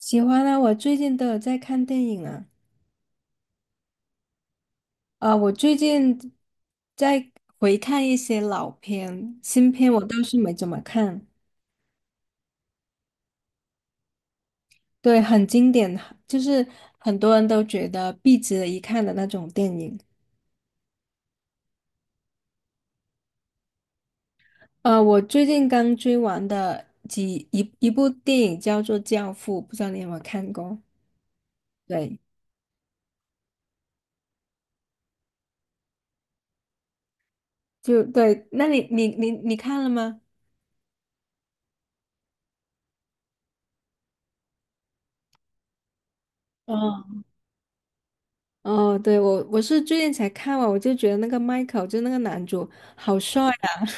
喜欢啊，我最近都有在看电影啊。啊，我最近在回看一些老片，新片我倒是没怎么看。对，很经典，就是很多人都觉得必值得一看的那种电影。我最近刚追完的一部电影叫做《教父》，不知道你有没有看过？对，就对，那你看了吗？嗯，哦，对，我是最近才看完，我就觉得那个 Michael 就那个男主好帅。啊！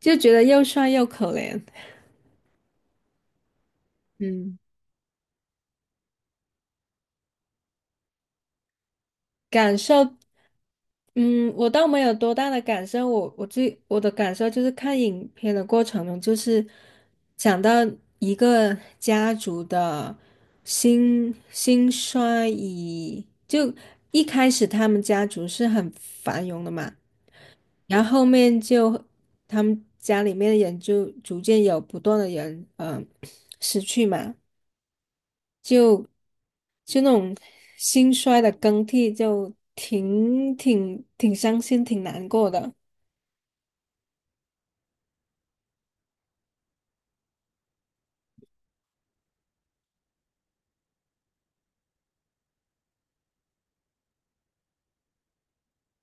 就觉得又帅又可怜。嗯，感受，嗯，我倒没有多大的感受，我的感受就是看影片的过程中，就是想到一个家族的兴衰，就一开始他们家族是很繁荣的嘛，然后后面就他们家里面的人就逐渐有不断的人，失去嘛。就就那种兴衰的更替，就挺伤心，挺难过的。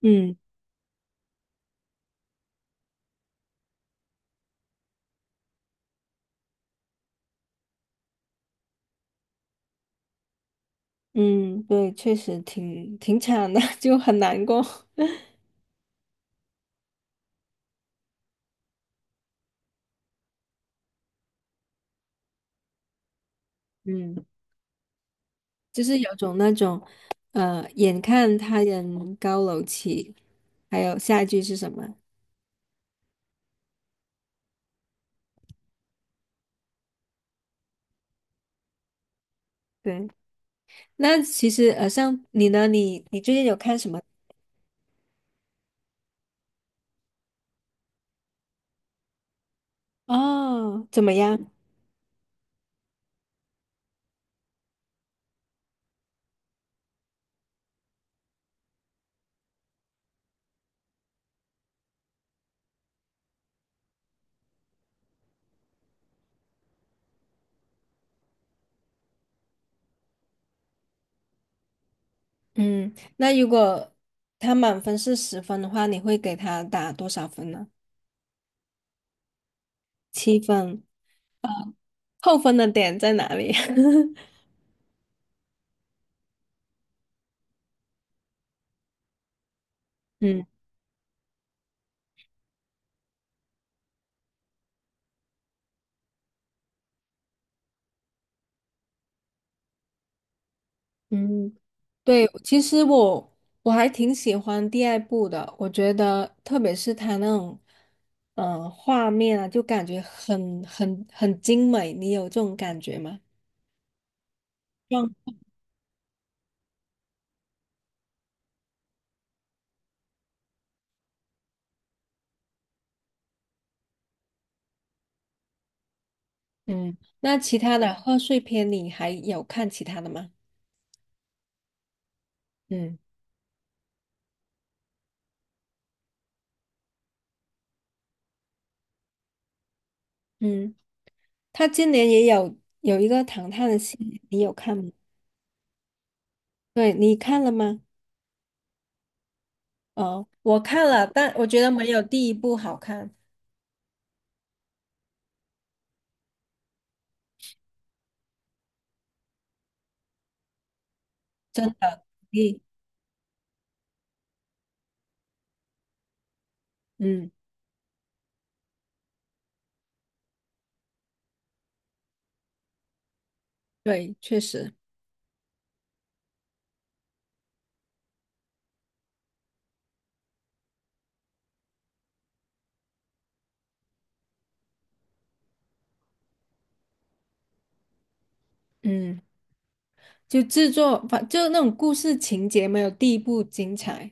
嗯嗯，对，确实挺惨的，就很难过。嗯，就是有种那种，眼看他人高楼起，还有下一句是什么？对，那其实像你呢，你最近有看什么？哦，怎么样？嗯，那如果他满分是十分的话，你会给他打多少分呢？七分，扣分的点在哪里？嗯嗯，对，其实我还挺喜欢第二部的，我觉得特别是他那种画面啊，就感觉很精美，你有这种感觉吗？嗯，嗯，那其他的贺岁片你还有看其他的吗？嗯嗯。他今年也有一个唐探的戏，你有看吗？对，你看了吗？哦，我看了，但我觉得没有第一部好看，真的。第嗯，对，确实，嗯，就制作反就那种故事情节没有第一部精彩。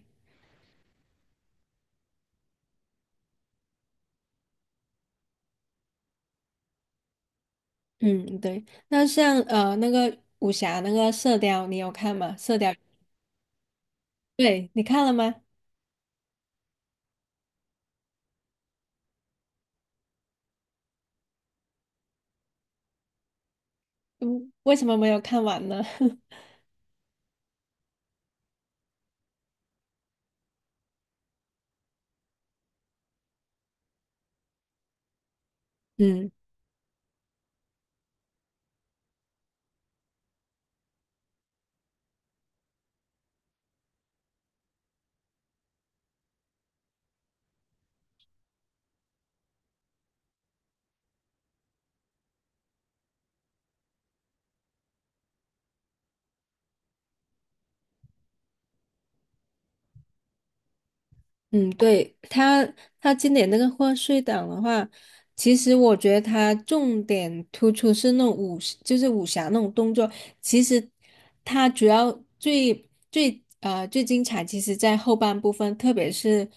嗯，对。那像那个武侠那个《射雕》，你有看吗？《射雕》对，你看了吗？嗯，为什么没有看完呢？嗯。嗯，对，他，他今年那个贺岁档的话，其实我觉得他重点突出是那种武，就是武侠那种动作。其实他主要最精彩，其实在后半部分，特别是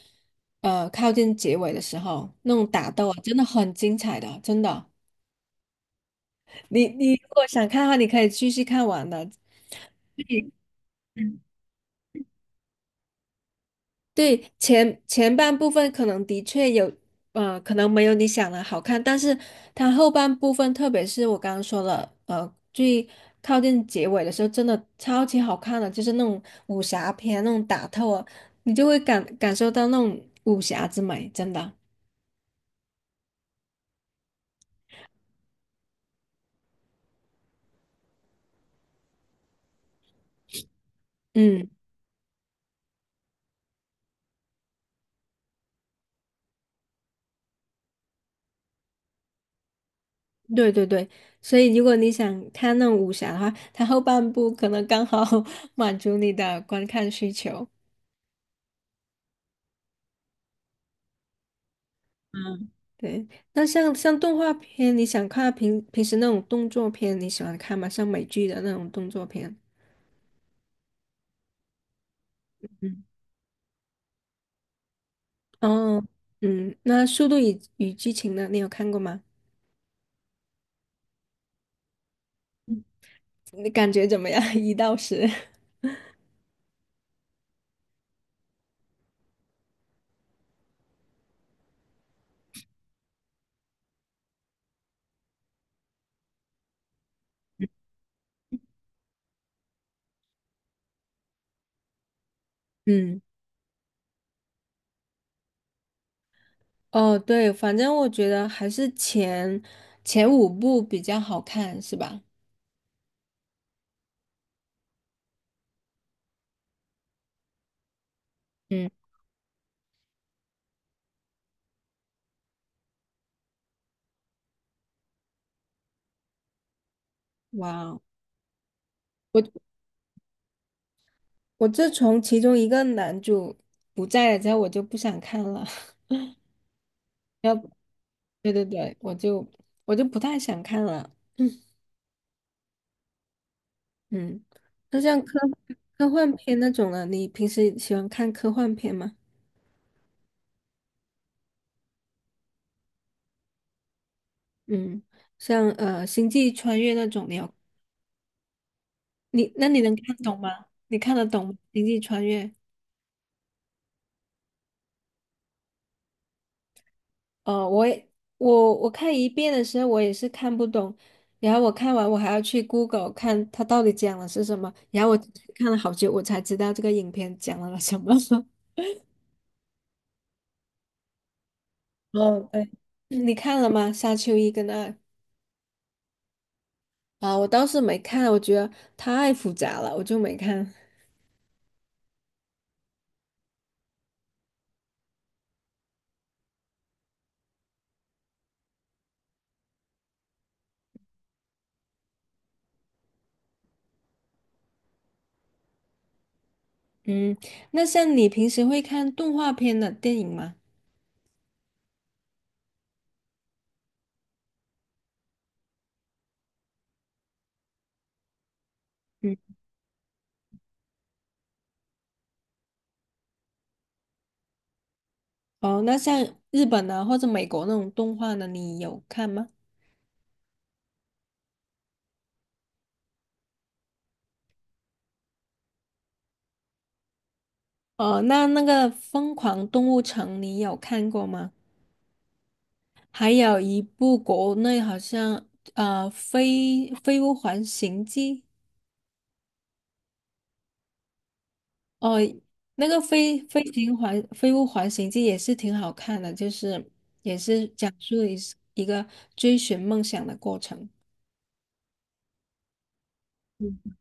靠近结尾的时候，那种打斗啊，真的很精彩的，真的。你如果想看的话，你可以继续看完的。对，前半部分可能的确有，可能没有你想的好看，但是它后半部分，特别是我刚刚说了，最靠近结尾的时候，真的超级好看的，就是那种武侠片那种打斗啊，你就会感受到那种武侠之美，真的。嗯，对对对，所以如果你想看那种武侠的话，它后半部可能刚好 满足你的观看需求。嗯，对，那像动画片，你想看平时那种动作片，你喜欢看吗？像美剧的那种动作片。嗯，哦，嗯，那《速度与激情》呢？你有看过吗？你感觉怎么样？一到十。嗯，哦，对，反正我觉得还是前五部比较好看，是吧？嗯，哇哦，我我自从其中一个男主不在了之后，我就不想看了。要不，对对对，我就不太想看了。嗯，那像科幻片那种的，你平时喜欢看科幻片吗？嗯，像《星际穿越》那种，你有，你那你能看懂吗？你看得懂吗《星际穿越》？哦，我也，我看一遍的时候，我也是看不懂，然后我看完我还要去 Google 看它到底讲的是什么，然后我看了好久，我才知道这个影片讲了什么。哦，对，嗯，你看了吗？《沙丘一》跟二，啊，我倒是没看，我觉得太复杂了，我就没看。嗯，那像你平时会看动画片的电影吗？嗯，哦，那像日本的或者美国那种动画的，你有看吗？哦，那那个《疯狂动物城》你有看过吗？还有一部国内好像《飞飞屋环行记》哦，那个飞屋环形记也是挺好看的，就是也是讲述一个追寻梦想的过程。嗯